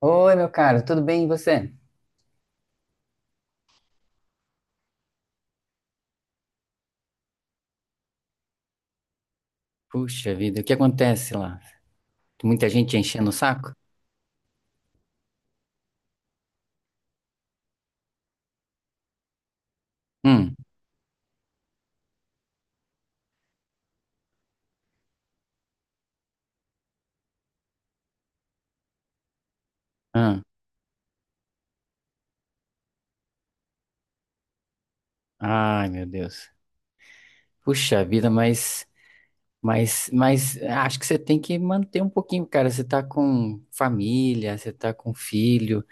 Oi, meu caro, tudo bem? E você? Puxa vida, o que acontece lá? Muita gente enchendo o saco? Hum, hum. Ai, meu Deus. Puxa vida, mas acho que você tem que manter um pouquinho, cara. Você tá com família, você tá com filho.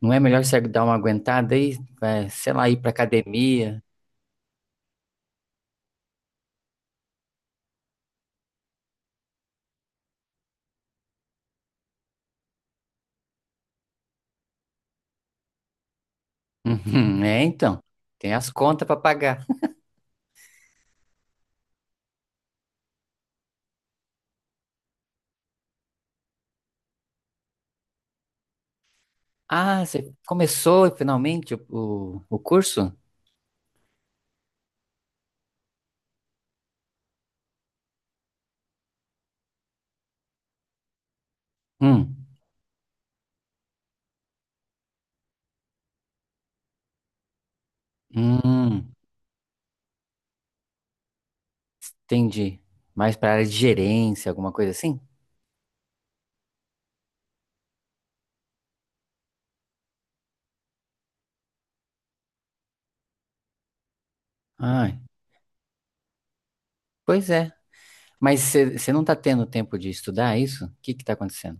Não é melhor você dar uma aguentada aí? Vai, sei lá, ir pra academia? Uhum, é, então. Tem as contas pra pagar. Ah, você começou finalmente o curso? Hum, hum. Entendi. Mais para área de gerência, alguma coisa assim? Ai, pois é. Mas você não tá tendo tempo de estudar isso? O que que tá acontecendo?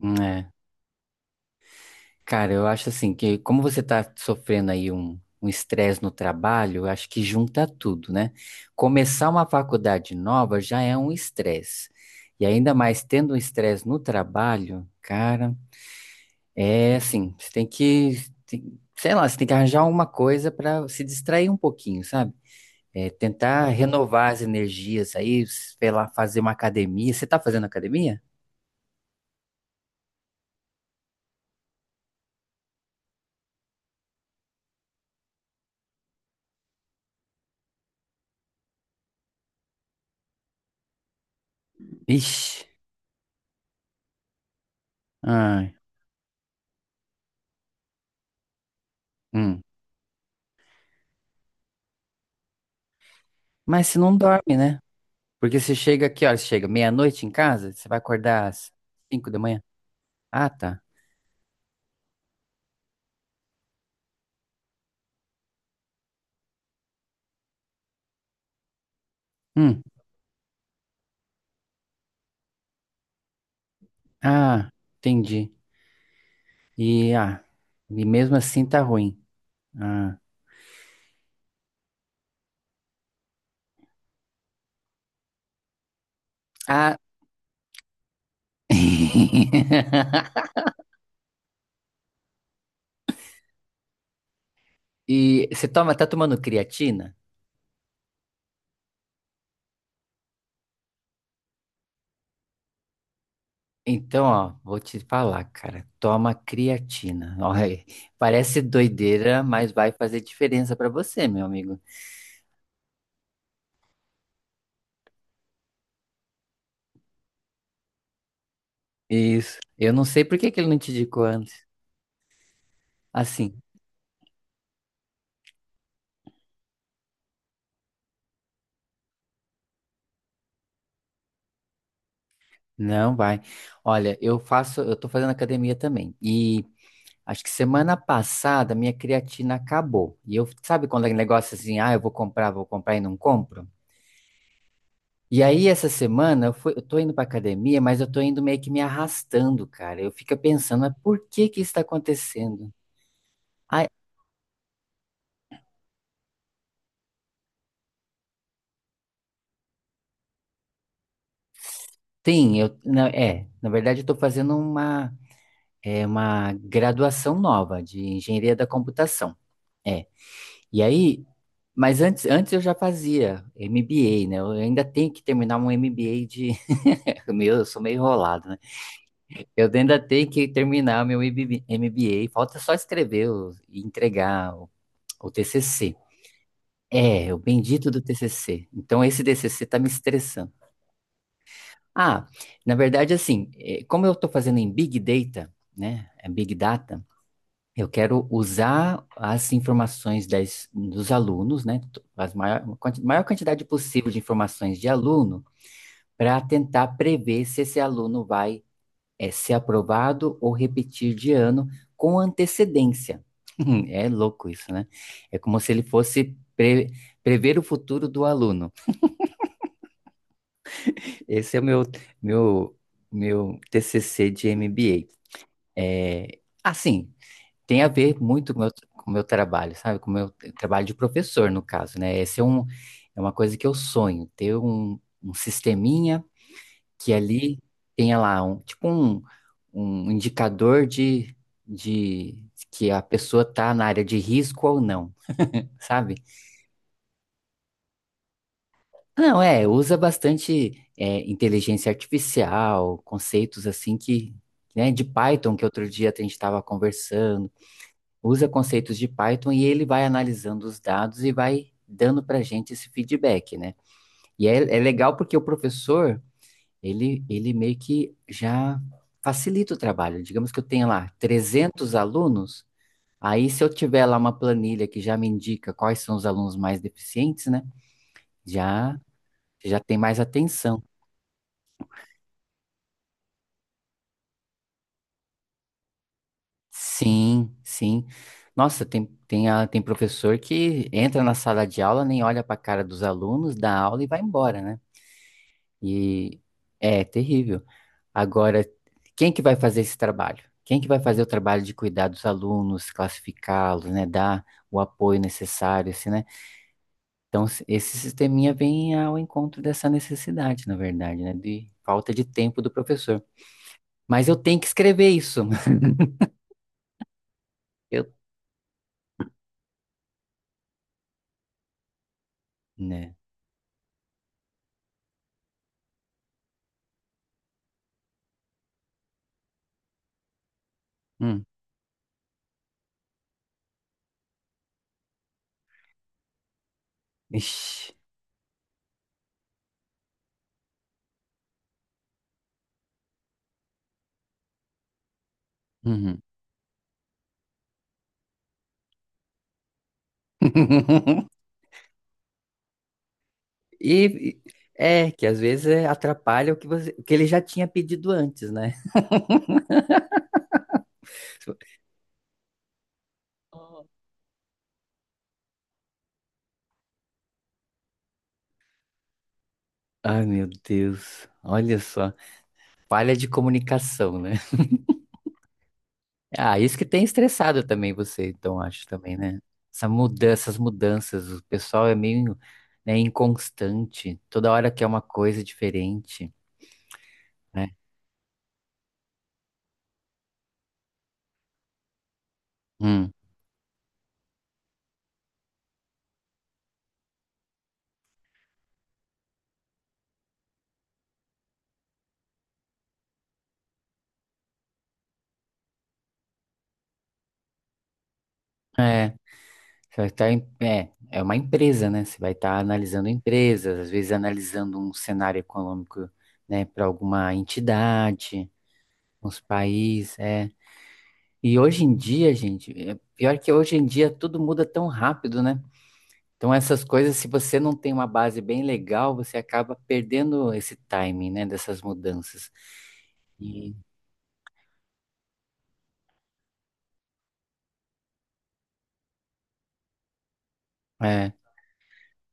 É. Cara, eu acho assim que como você tá sofrendo aí um estresse no trabalho, eu acho que junta tudo, né? Começar uma faculdade nova já é um estresse. E ainda mais tendo um estresse no trabalho, cara, é assim, você tem que, tem- sei lá, você tem que arranjar alguma coisa para se distrair um pouquinho, sabe? É, tentar renovar as energias aí, sei lá, fazer uma academia. Você tá fazendo academia? Ixi. Ai, hum. Mas você não dorme, né? Porque você chega aqui, ó, chega meia-noite em casa, você vai acordar às cinco da manhã. Ah, tá. Hum. Ah, entendi. E, ah, e mesmo assim tá ruim. Ah. Ah. E você tá tomando creatina? Então, ó, vou te falar, cara. Toma creatina. Olha aí. Parece doideira, mas vai fazer diferença pra você, meu amigo. Isso. Eu não sei por que que ele não te indicou antes. Assim, não vai. Olha, eu tô fazendo academia também. E acho que semana passada minha creatina acabou. E eu, sabe quando é negócio assim, ah, vou comprar e não compro? E aí, essa semana, eu tô indo pra academia, mas eu tô indo meio que me arrastando, cara. Eu fico pensando, mas por que que isso tá acontecendo? Ah, tem, eu, na, é, na verdade eu estou fazendo uma graduação nova de engenharia da computação, é, e aí, antes eu já fazia MBA, né, eu ainda tenho que terminar um MBA de, meu, eu sou meio enrolado, né, eu ainda tenho que terminar meu MBA, falta só escrever e entregar o TCC, é, o bendito do TCC, então esse TCC está me estressando. Ah, na verdade, assim, como eu estou fazendo em Big Data, né, é Big Data, eu quero usar as informações dos alunos, né, maior quantidade possível de informações de aluno, para tentar prever se esse aluno vai, ser aprovado ou repetir de ano com antecedência. É louco isso, né? É como se ele fosse prever o futuro do aluno. Esse é o meu, meu TCC de MBA. É, assim, tem a ver muito com o meu trabalho, sabe? Com o meu trabalho de professor, no caso, né? Esse é um, é uma coisa que eu sonho, ter um, um sisteminha que ali tenha lá um, tipo um, um indicador de que a pessoa tá na área de risco ou não, sabe? Não, é, usa bastante é, inteligência artificial, conceitos assim que, né, de Python, que outro dia a gente estava conversando, usa conceitos de Python e ele vai analisando os dados e vai dando para a gente esse feedback, né? E é, é legal porque o professor, ele meio que já facilita o trabalho. Digamos que eu tenha lá 300 alunos, aí se eu tiver lá uma planilha que já me indica quais são os alunos mais deficientes, né? Já, já tem mais atenção. Sim, sim. Nossa, tem professor que entra na sala de aula, nem olha para a cara dos alunos, dá aula e vai embora, né? E é terrível. Agora, quem que vai fazer esse trabalho? Quem que vai fazer o trabalho de cuidar dos alunos, classificá-los, né, dar o apoio necessário, assim, né? Então, esse sisteminha vem ao encontro dessa necessidade, na verdade, né, de falta de tempo do professor. Mas eu tenho que escrever isso. Eu, né? Hum. Ixi. Uhum. E e- é que às vezes é, atrapalha o que você, o que ele já tinha pedido antes, né? Ai, meu Deus. Olha só. Falha de comunicação, né? Ah, isso que tem estressado também você, então, acho também, né? Essa essas mudanças, o pessoal é meio, né, inconstante. Toda hora quer uma coisa diferente, né? Hum. É, você vai é, é uma empresa, né? Você vai estar analisando empresas, às vezes analisando um cenário econômico, né, para alguma entidade, uns países, é. E hoje em dia, gente, é pior que hoje em dia tudo muda tão rápido, né? Então essas coisas, se você não tem uma base bem legal, você acaba perdendo esse timing, né, dessas mudanças. E, é,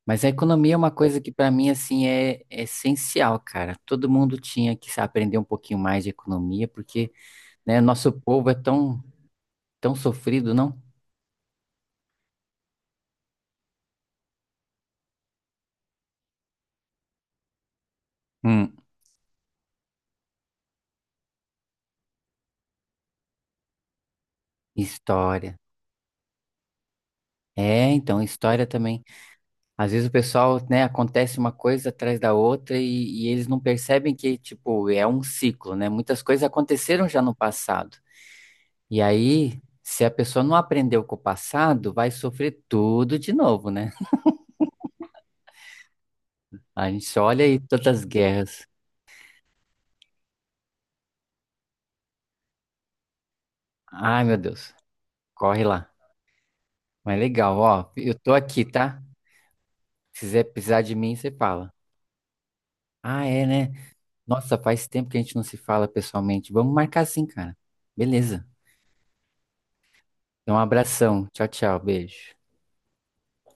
mas a economia é uma coisa que para mim assim é, é essencial, cara. Todo mundo tinha que aprender um pouquinho mais de economia, porque, né, nosso povo é tão sofrido, não? Hum, história. É, então história também. Às vezes o pessoal, né, acontece uma coisa atrás da outra e eles não percebem que, tipo, é um ciclo, né? Muitas coisas aconteceram já no passado. E aí, se a pessoa não aprendeu com o passado, vai sofrer tudo de novo, né? A gente só olha aí todas as guerras. Ai, meu Deus, corre lá. Mas legal, ó, eu tô aqui, tá? Se quiser precisar de mim, você fala. Ah, é, né? Nossa, faz tempo que a gente não se fala pessoalmente. Vamos marcar assim, cara. Beleza. Então, um abração. Tchau, tchau. Beijo.